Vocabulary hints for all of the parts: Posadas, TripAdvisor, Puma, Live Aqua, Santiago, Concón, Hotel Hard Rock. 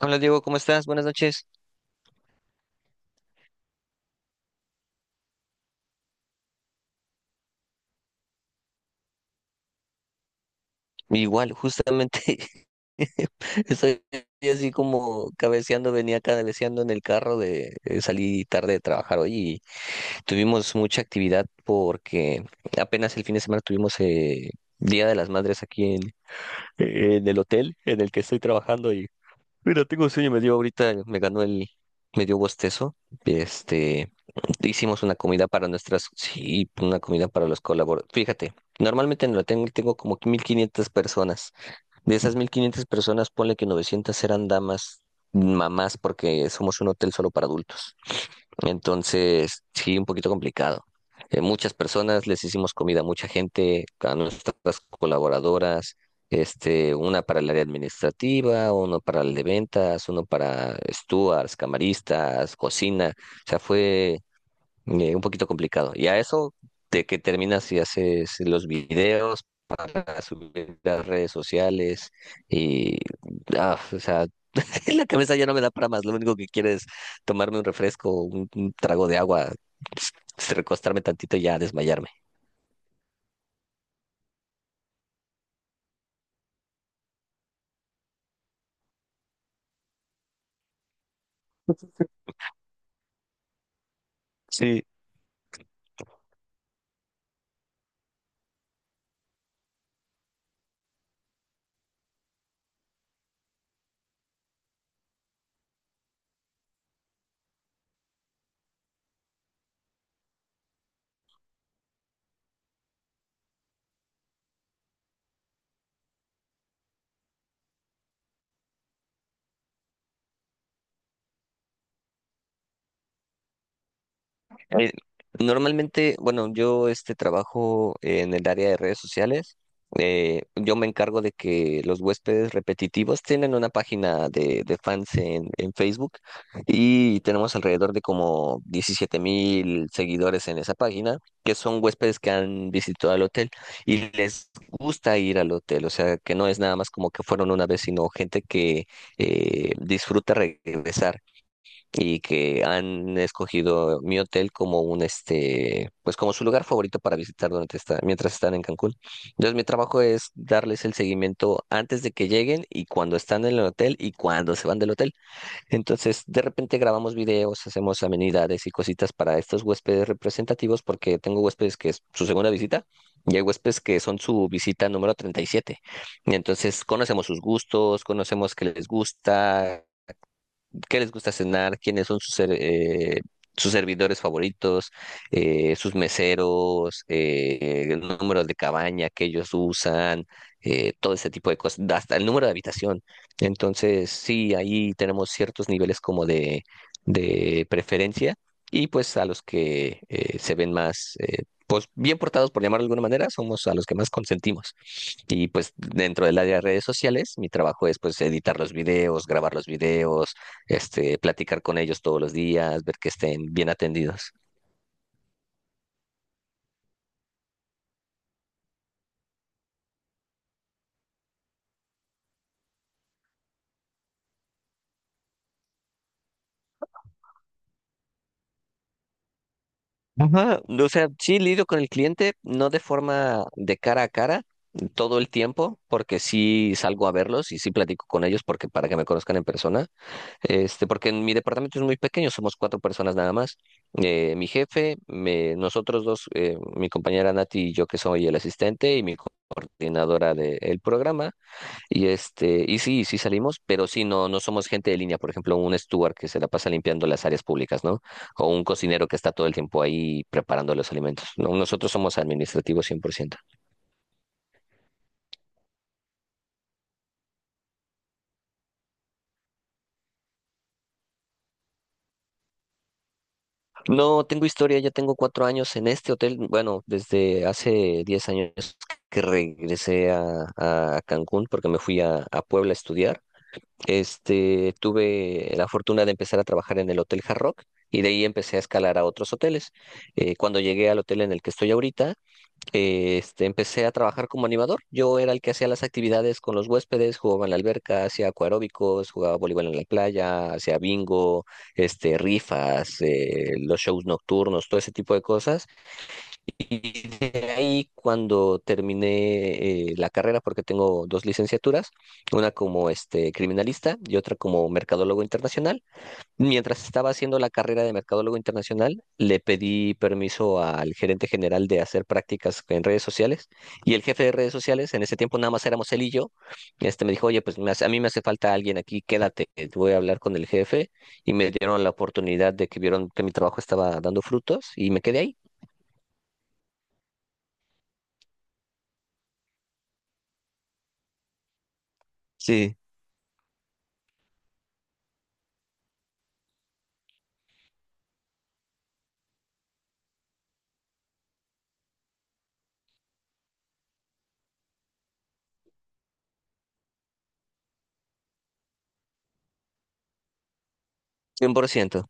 Hola Diego, ¿cómo estás? Buenas noches. Igual, justamente estoy así como cabeceando, venía cabeceando en el carro de salí tarde de trabajar hoy y tuvimos mucha actividad porque apenas el fin de semana tuvimos Día de las Madres aquí en el hotel en el que estoy trabajando y. Mira, tengo sueño, me dio ahorita, me ganó el, me dio bostezo. Este, Hicimos una comida para nuestras, sí, una comida para los colaboradores. Fíjate, normalmente no la tengo, tengo como que 1,500 personas. De esas 1,500 personas, ponle que 900 eran damas, mamás, porque somos un hotel solo para adultos. Entonces, sí, un poquito complicado. Muchas personas, les hicimos comida a mucha gente, a nuestras colaboradoras, una para el área administrativa, uno para el de ventas, uno para stewards, camaristas, cocina. O sea, fue un poquito complicado. Y a eso de que terminas y haces los videos para subir a las redes sociales y, o sea, la cabeza ya no me da para más. Lo único que quiero es tomarme un refresco, un trago de agua, recostarme tantito y ya desmayarme. Sí. Eh, Normalmente, bueno, yo trabajo en el área de redes sociales. Yo me encargo de que los huéspedes repetitivos tienen una página de fans en Facebook y tenemos alrededor de como 17,000 seguidores en esa página, que son huéspedes que han visitado el hotel y les gusta ir al hotel. O sea, que no es nada más como que fueron una vez, sino gente que disfruta regresar y que han escogido mi hotel como un este, pues como su lugar favorito para visitar durante esta, mientras están en Cancún. Entonces, mi trabajo es darles el seguimiento antes de que lleguen y cuando están en el hotel y cuando se van del hotel. Entonces, de repente grabamos videos, hacemos amenidades y cositas para estos huéspedes representativos porque tengo huéspedes que es su segunda visita. Y hay huéspedes que son su visita número 37. Y siete. Y entonces conocemos sus gustos, conocemos qué les gusta cenar, quiénes son sus servidores favoritos, sus meseros, el número de cabaña que ellos usan, todo ese tipo de cosas, hasta el número de habitación. Entonces, sí, ahí tenemos ciertos niveles como de preferencia y pues a los que se ven más, pues bien portados, por llamarlo de alguna manera, somos a los que más consentimos. Y pues dentro del área de redes sociales, mi trabajo es pues editar los videos, grabar los videos, platicar con ellos todos los días, ver que estén bien atendidos. Ajá, o sea, sí lidio con el cliente, no de forma de cara a cara todo el tiempo, porque sí salgo a verlos y sí platico con ellos porque para que me conozcan en persona, porque en mi departamento es muy pequeño, somos cuatro personas nada más. Mi jefe, nosotros dos, mi compañera Nati y yo que soy el asistente y mi coordinadora del programa. Y sí, sí salimos, pero sí no, no somos gente de línea, por ejemplo, un steward que se la pasa limpiando las áreas públicas, ¿no? O un cocinero que está todo el tiempo ahí preparando los alimentos. No, nosotros somos administrativos 100%. No tengo historia, ya tengo 4 años en este hotel. Bueno, desde hace 10 años que regresé a Cancún porque me fui a Puebla a estudiar. Tuve la fortuna de empezar a trabajar en el Hotel Hard Rock y de ahí empecé a escalar a otros hoteles. Cuando llegué al hotel en el que estoy ahorita, empecé a trabajar como animador. Yo era el que hacía las actividades con los huéspedes, jugaba en la alberca, hacía acuaróbicos, jugaba voleibol en la playa, hacía bingo, rifas, los shows nocturnos, todo ese tipo de cosas. Y de ahí cuando terminé la carrera, porque tengo dos licenciaturas, una como criminalista y otra como mercadólogo internacional. Mientras estaba haciendo la carrera de mercadólogo internacional, le pedí permiso al gerente general de hacer prácticas en redes sociales y el jefe de redes sociales, en ese tiempo nada más éramos él y yo, me dijo, oye, pues a mí me hace falta alguien aquí, quédate, voy a hablar con el jefe y me dieron la oportunidad de que vieron que mi trabajo estaba dando frutos y me quedé ahí. Sí. 100%.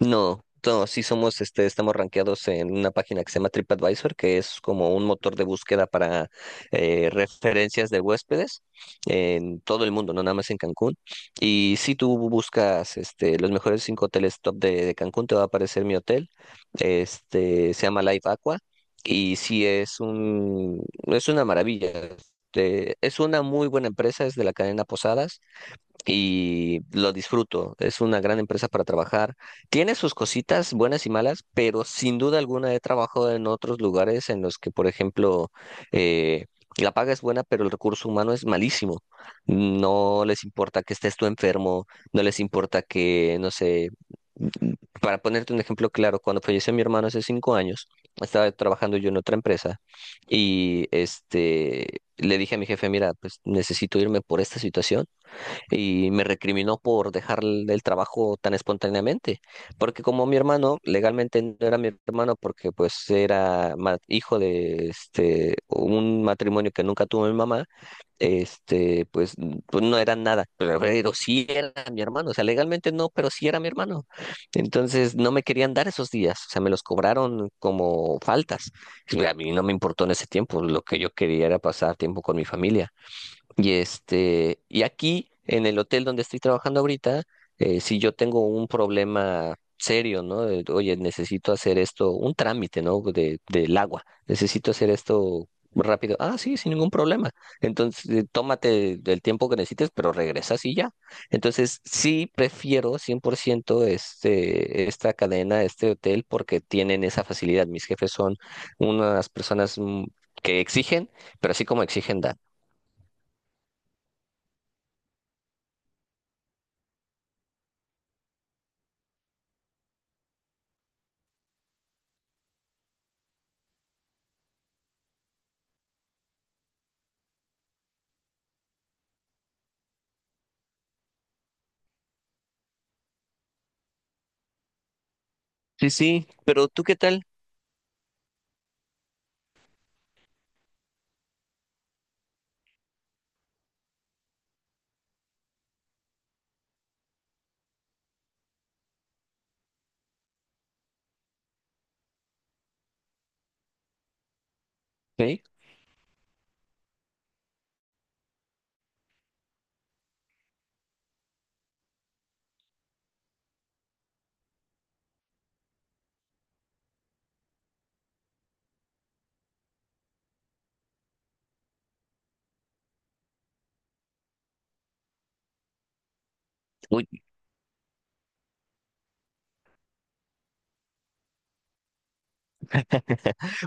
No, no, sí somos, estamos rankeados en una página que se llama TripAdvisor, que es como un motor de búsqueda para referencias de huéspedes en todo el mundo, no nada más en Cancún. Y si tú buscas los mejores cinco hoteles top de Cancún, te va a aparecer mi hotel, se llama Live Aqua, y sí es es una maravilla. Es una muy buena empresa, es de la cadena Posadas y lo disfruto. Es una gran empresa para trabajar. Tiene sus cositas buenas y malas, pero sin duda alguna he trabajado en otros lugares en los que, por ejemplo, eh, la paga es buena, pero el recurso humano es malísimo. No les importa que estés tú enfermo, no les importa que, no sé, para ponerte un ejemplo claro, cuando falleció mi hermano hace 5 años, estaba trabajando yo en otra empresa y le dije a mi jefe, mira, pues necesito irme por esta situación y me recriminó por dejar el trabajo tan espontáneamente, porque como mi hermano, legalmente no era mi hermano porque pues era hijo de un matrimonio que nunca tuvo mi mamá, pues, pues no era nada, pero sí era mi hermano, o sea, legalmente no, pero sí era mi hermano. Entonces no me querían dar esos días, o sea, me los cobraron como faltas. Y a mí no me importó en ese tiempo, lo que yo quería era pasar tiempo con mi familia. Y aquí, en el hotel donde estoy trabajando ahorita, si yo tengo un problema serio, ¿no? De, oye, necesito hacer esto, un trámite, ¿no? De, del agua, necesito hacer esto rápido. Ah, sí, sin ningún problema. Entonces, tómate el tiempo que necesites, pero regresas y ya. Entonces, sí prefiero 100% esta cadena, este hotel, porque tienen esa facilidad. Mis jefes son unas personas que exigen, pero así como exigen, dan. Sí, sí, pero ¿tú qué tal? ¿Ok? Uy.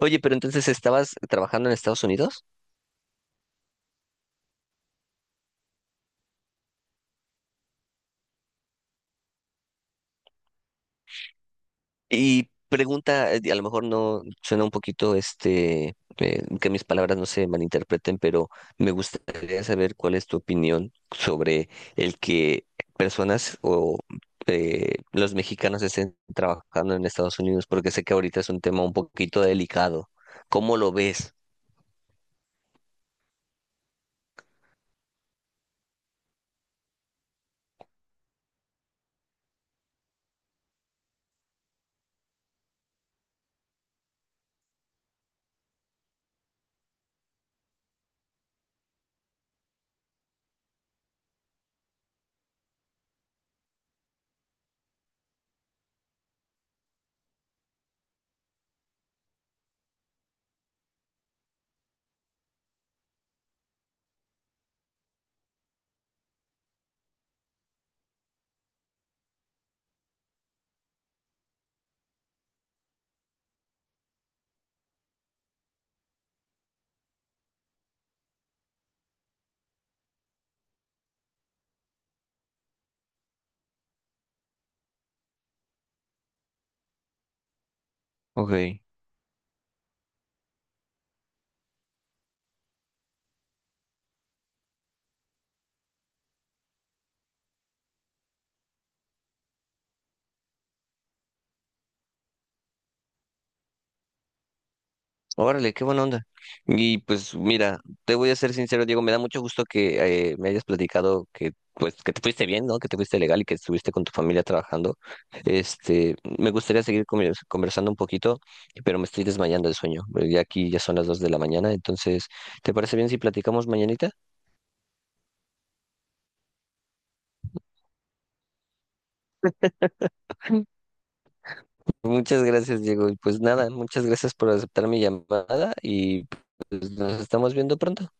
Oye, pero entonces estabas trabajando en Estados Unidos y pregunta, a lo mejor no suena un poquito que mis palabras no se malinterpreten, pero me gustaría saber cuál es tu opinión sobre el que personas o los mexicanos estén trabajando en Estados Unidos, porque sé que ahorita es un tema un poquito delicado. ¿Cómo lo ves? Ok. Órale, qué buena onda. Y pues mira, te voy a ser sincero, Diego, me da mucho gusto que me hayas platicado que pues que te fuiste bien, ¿no? Que te fuiste legal y que estuviste con tu familia trabajando. Me gustaría seguir conversando un poquito, pero me estoy desmayando de sueño. Pues, ya aquí ya son las dos de la mañana, entonces, ¿te parece bien si platicamos mañanita? Muchas gracias, Diego. Y pues nada, muchas gracias por aceptar mi llamada y pues nos estamos viendo pronto.